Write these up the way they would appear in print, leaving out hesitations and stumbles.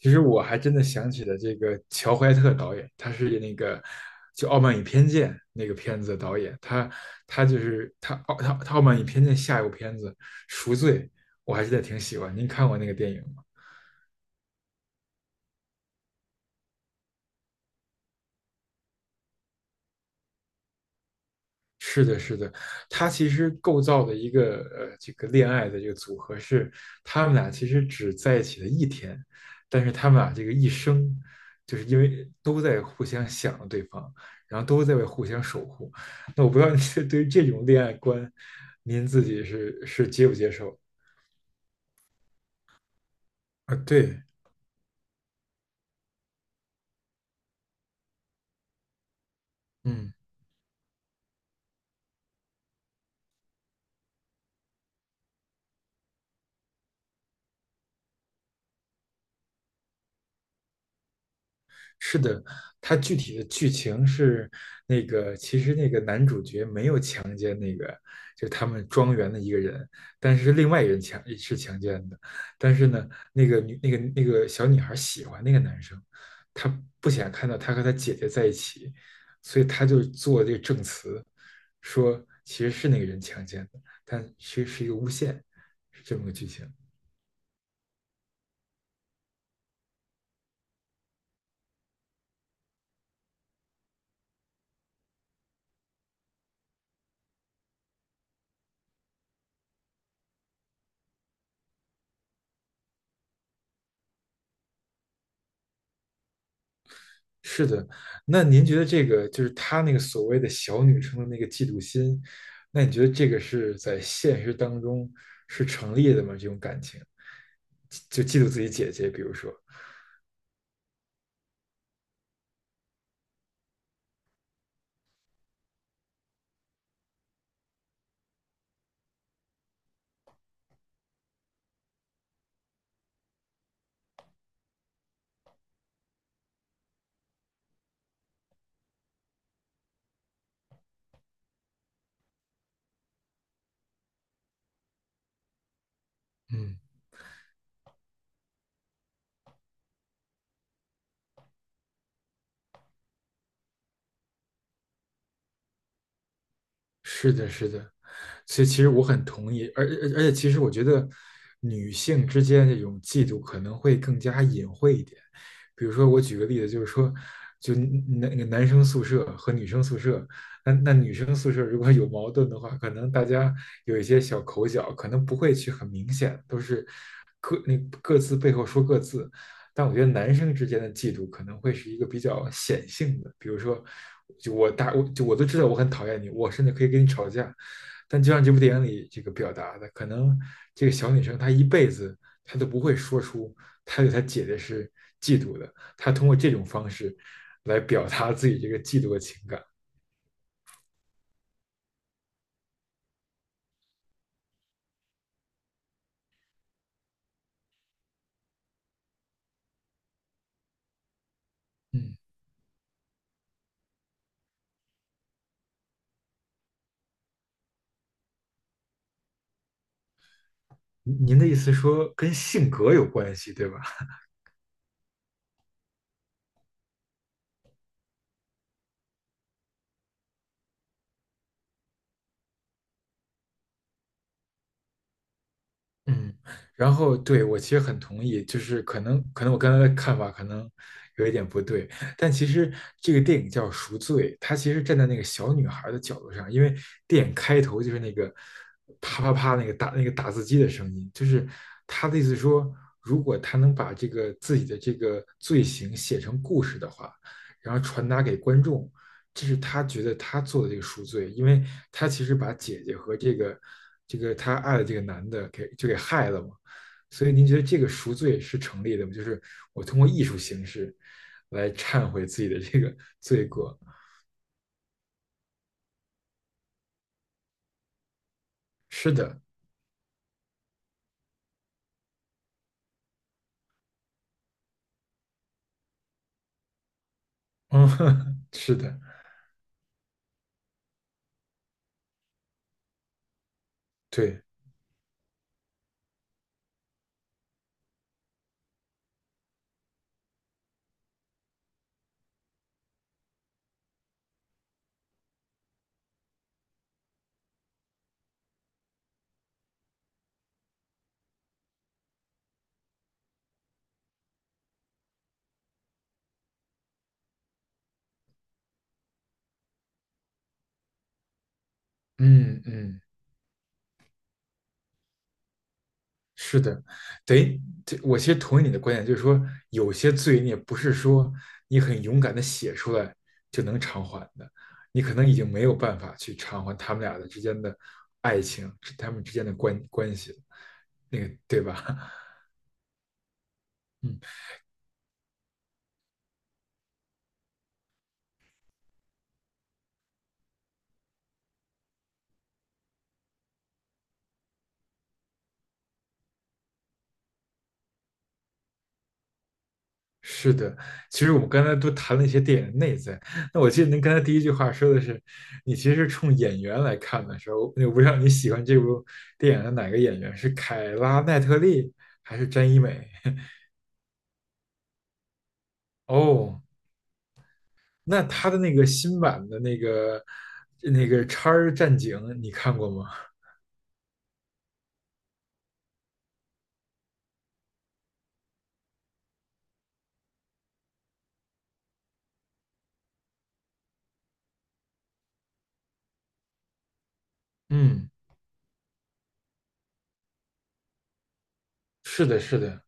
其实我还真的想起了这个乔怀特导演，他是那个《傲慢与偏见》那个片子的导演，他他就是他傲他他《傲慢与偏见》下一部片子《赎罪》，我还是挺喜欢。您看过那个电影吗？是的，是的，他其实构造的一个这个恋爱的这个组合是，他们俩其实只在一起了一天，但是他们俩这个一生，就是因为都在互相想着对方，然后都在为互相守护。那我不知道你 对于这种恋爱观，您自己是接不接受？啊，对。嗯。是的，它具体的剧情是那个，其实那个男主角没有强奸那个，就是他们庄园的一个人，但是另外一个人强奸的，但是呢，那个女那个那个小女孩喜欢那个男生，她不想看到他和他姐姐在一起，所以她就做这个证词，说其实是那个人强奸的，但其实是一个诬陷，是这么个剧情。是的，那您觉得这个就是她那个所谓的小女生的那个嫉妒心，那你觉得这个是在现实当中是成立的吗？这种感情，就嫉妒自己姐姐，比如说，嗯。是的，是的，所以其实我很同意，而且其实我觉得女性之间这种嫉妒可能会更加隐晦一点。比如说，我举个例子，就是说，男生宿舍和女生宿舍，那女生宿舍如果有矛盾的话，可能大家有一些小口角，可能不会去很明显，都是各那各自背后说各自，但我觉得男生之间的嫉妒可能会是一个比较显性的，比如说，就我大我就我都知道我很讨厌你，我甚至可以跟你吵架，但就像这部电影里这个表达的，可能这个小女生她一辈子她都不会说出她对她姐姐是嫉妒的，她通过这种方式来表达自己这个嫉妒的情感。嗯，您的意思说跟性格有关系，对吧？嗯，然后对我其实很同意，就是可能我刚才的看法可能有一点不对，但其实这个电影叫《赎罪》，它其实站在那个小女孩的角度上，因为电影开头就是那个啪啪啪那个打字机的声音，就是他的意思说，如果他能把这个自己的这个罪行写成故事的话，然后传达给观众，这是他觉得他做的这个赎罪，因为他其实把姐姐和这个他爱的这个男的给害了嘛。所以您觉得这个赎罪是成立的吗？就是我通过艺术形式来忏悔自己的这个罪过。是的，嗯，是的，对，嗯嗯。是的，等于这我其实同意你的观点，就是说有些罪孽不是说你很勇敢的写出来就能偿还的，你可能已经没有办法去偿还他们俩的之间的爱情，他们之间的关系了那个对吧？嗯，是的。其实我们刚才都谈了一些电影的内在，那我记得您刚才第一句话说的是，你其实是冲演员来看的时候，我不知道你喜欢这部电影的哪个演员，是凯拉奈特利还是詹一美？哦，那他的那个新版的那个《叉儿战警》，你看过吗？嗯，是的，是的。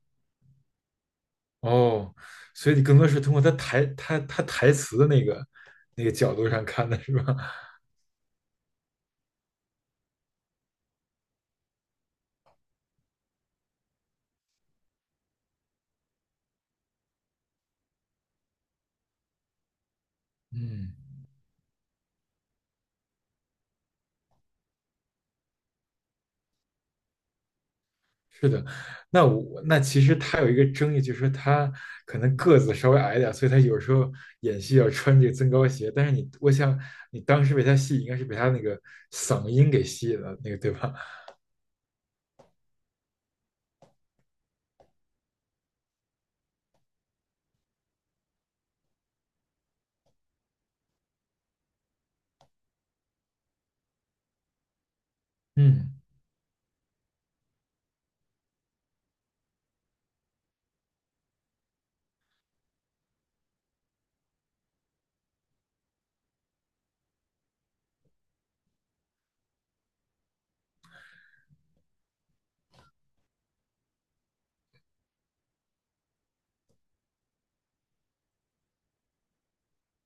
哦，所以你更多是通过他台词的那个那个角度上看的是吧？嗯，是的。那其实他有一个争议，就是说他可能个子稍微矮一点所以他有时候演戏要穿这个增高鞋。但是你，我想你当时被他戏应该是被他那个嗓音给吸引了，那个对吧？嗯。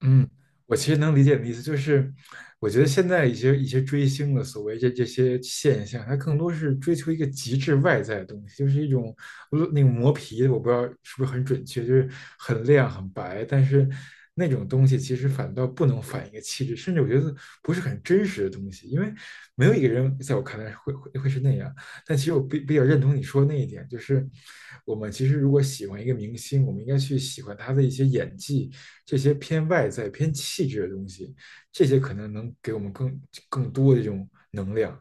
嗯，我其实能理解你的意思，就是我觉得现在一些追星的所谓这些现象，它更多是追求一个极致外在的东西，就是一种那个磨皮，我不知道是不是很准确，就是很亮很白，但是那种东西其实反倒不能反映一个气质，甚至我觉得不是很真实的东西，因为没有一个人在我看来会是那样。但其实我比较认同你说的那一点，就是我们其实如果喜欢一个明星，我们应该去喜欢他的一些演技。这些偏外在、偏气质的东西，这些可能能给我们更多的这种能量。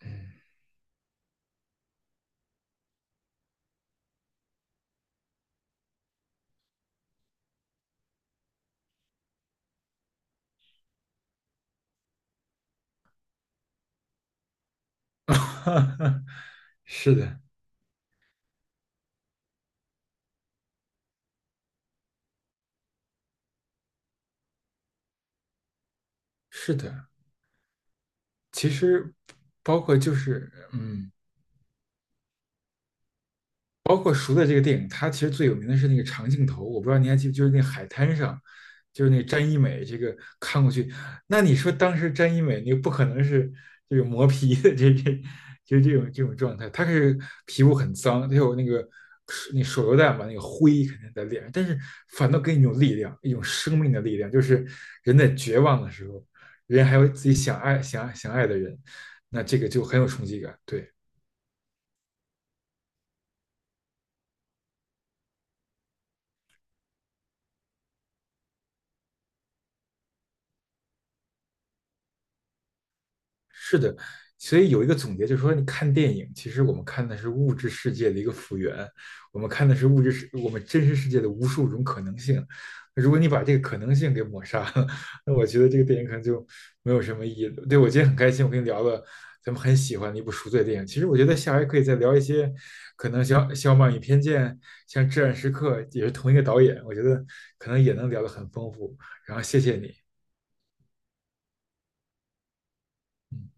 嗯，是的，是的。其实包括就是，嗯，包括《赎的这个电影，它其实最有名的是那个长镜头，我不知道你还记不，就是那海滩上，就是那詹一美这个看过去，那你说当时詹一美那个不可能是这个磨皮的这就是这种状态，她是皮肤很脏，她有那个那手榴弹吧，那个灰肯定在脸上，但是反倒给你一种力量，一种生命的力量，就是人在绝望的时候，人还有自己想爱的人，那这个就很有冲击感，对。所以有一个总结，就是说，你看电影，其实我们看的是物质世界的一个复原，我们看的是物质世，我们真实世界的无数种可能性。如果你把这个可能性给抹杀了，那我觉得这个电影可能就没有什么意义了。对，我今天很开心，我跟你聊了咱们很喜欢的一部赎罪电影。其实我觉得下回可以再聊一些，可能像《傲慢与偏见》、像《至暗时刻》，也是同一个导演，我觉得可能也能聊得很丰富。然后谢谢你，嗯。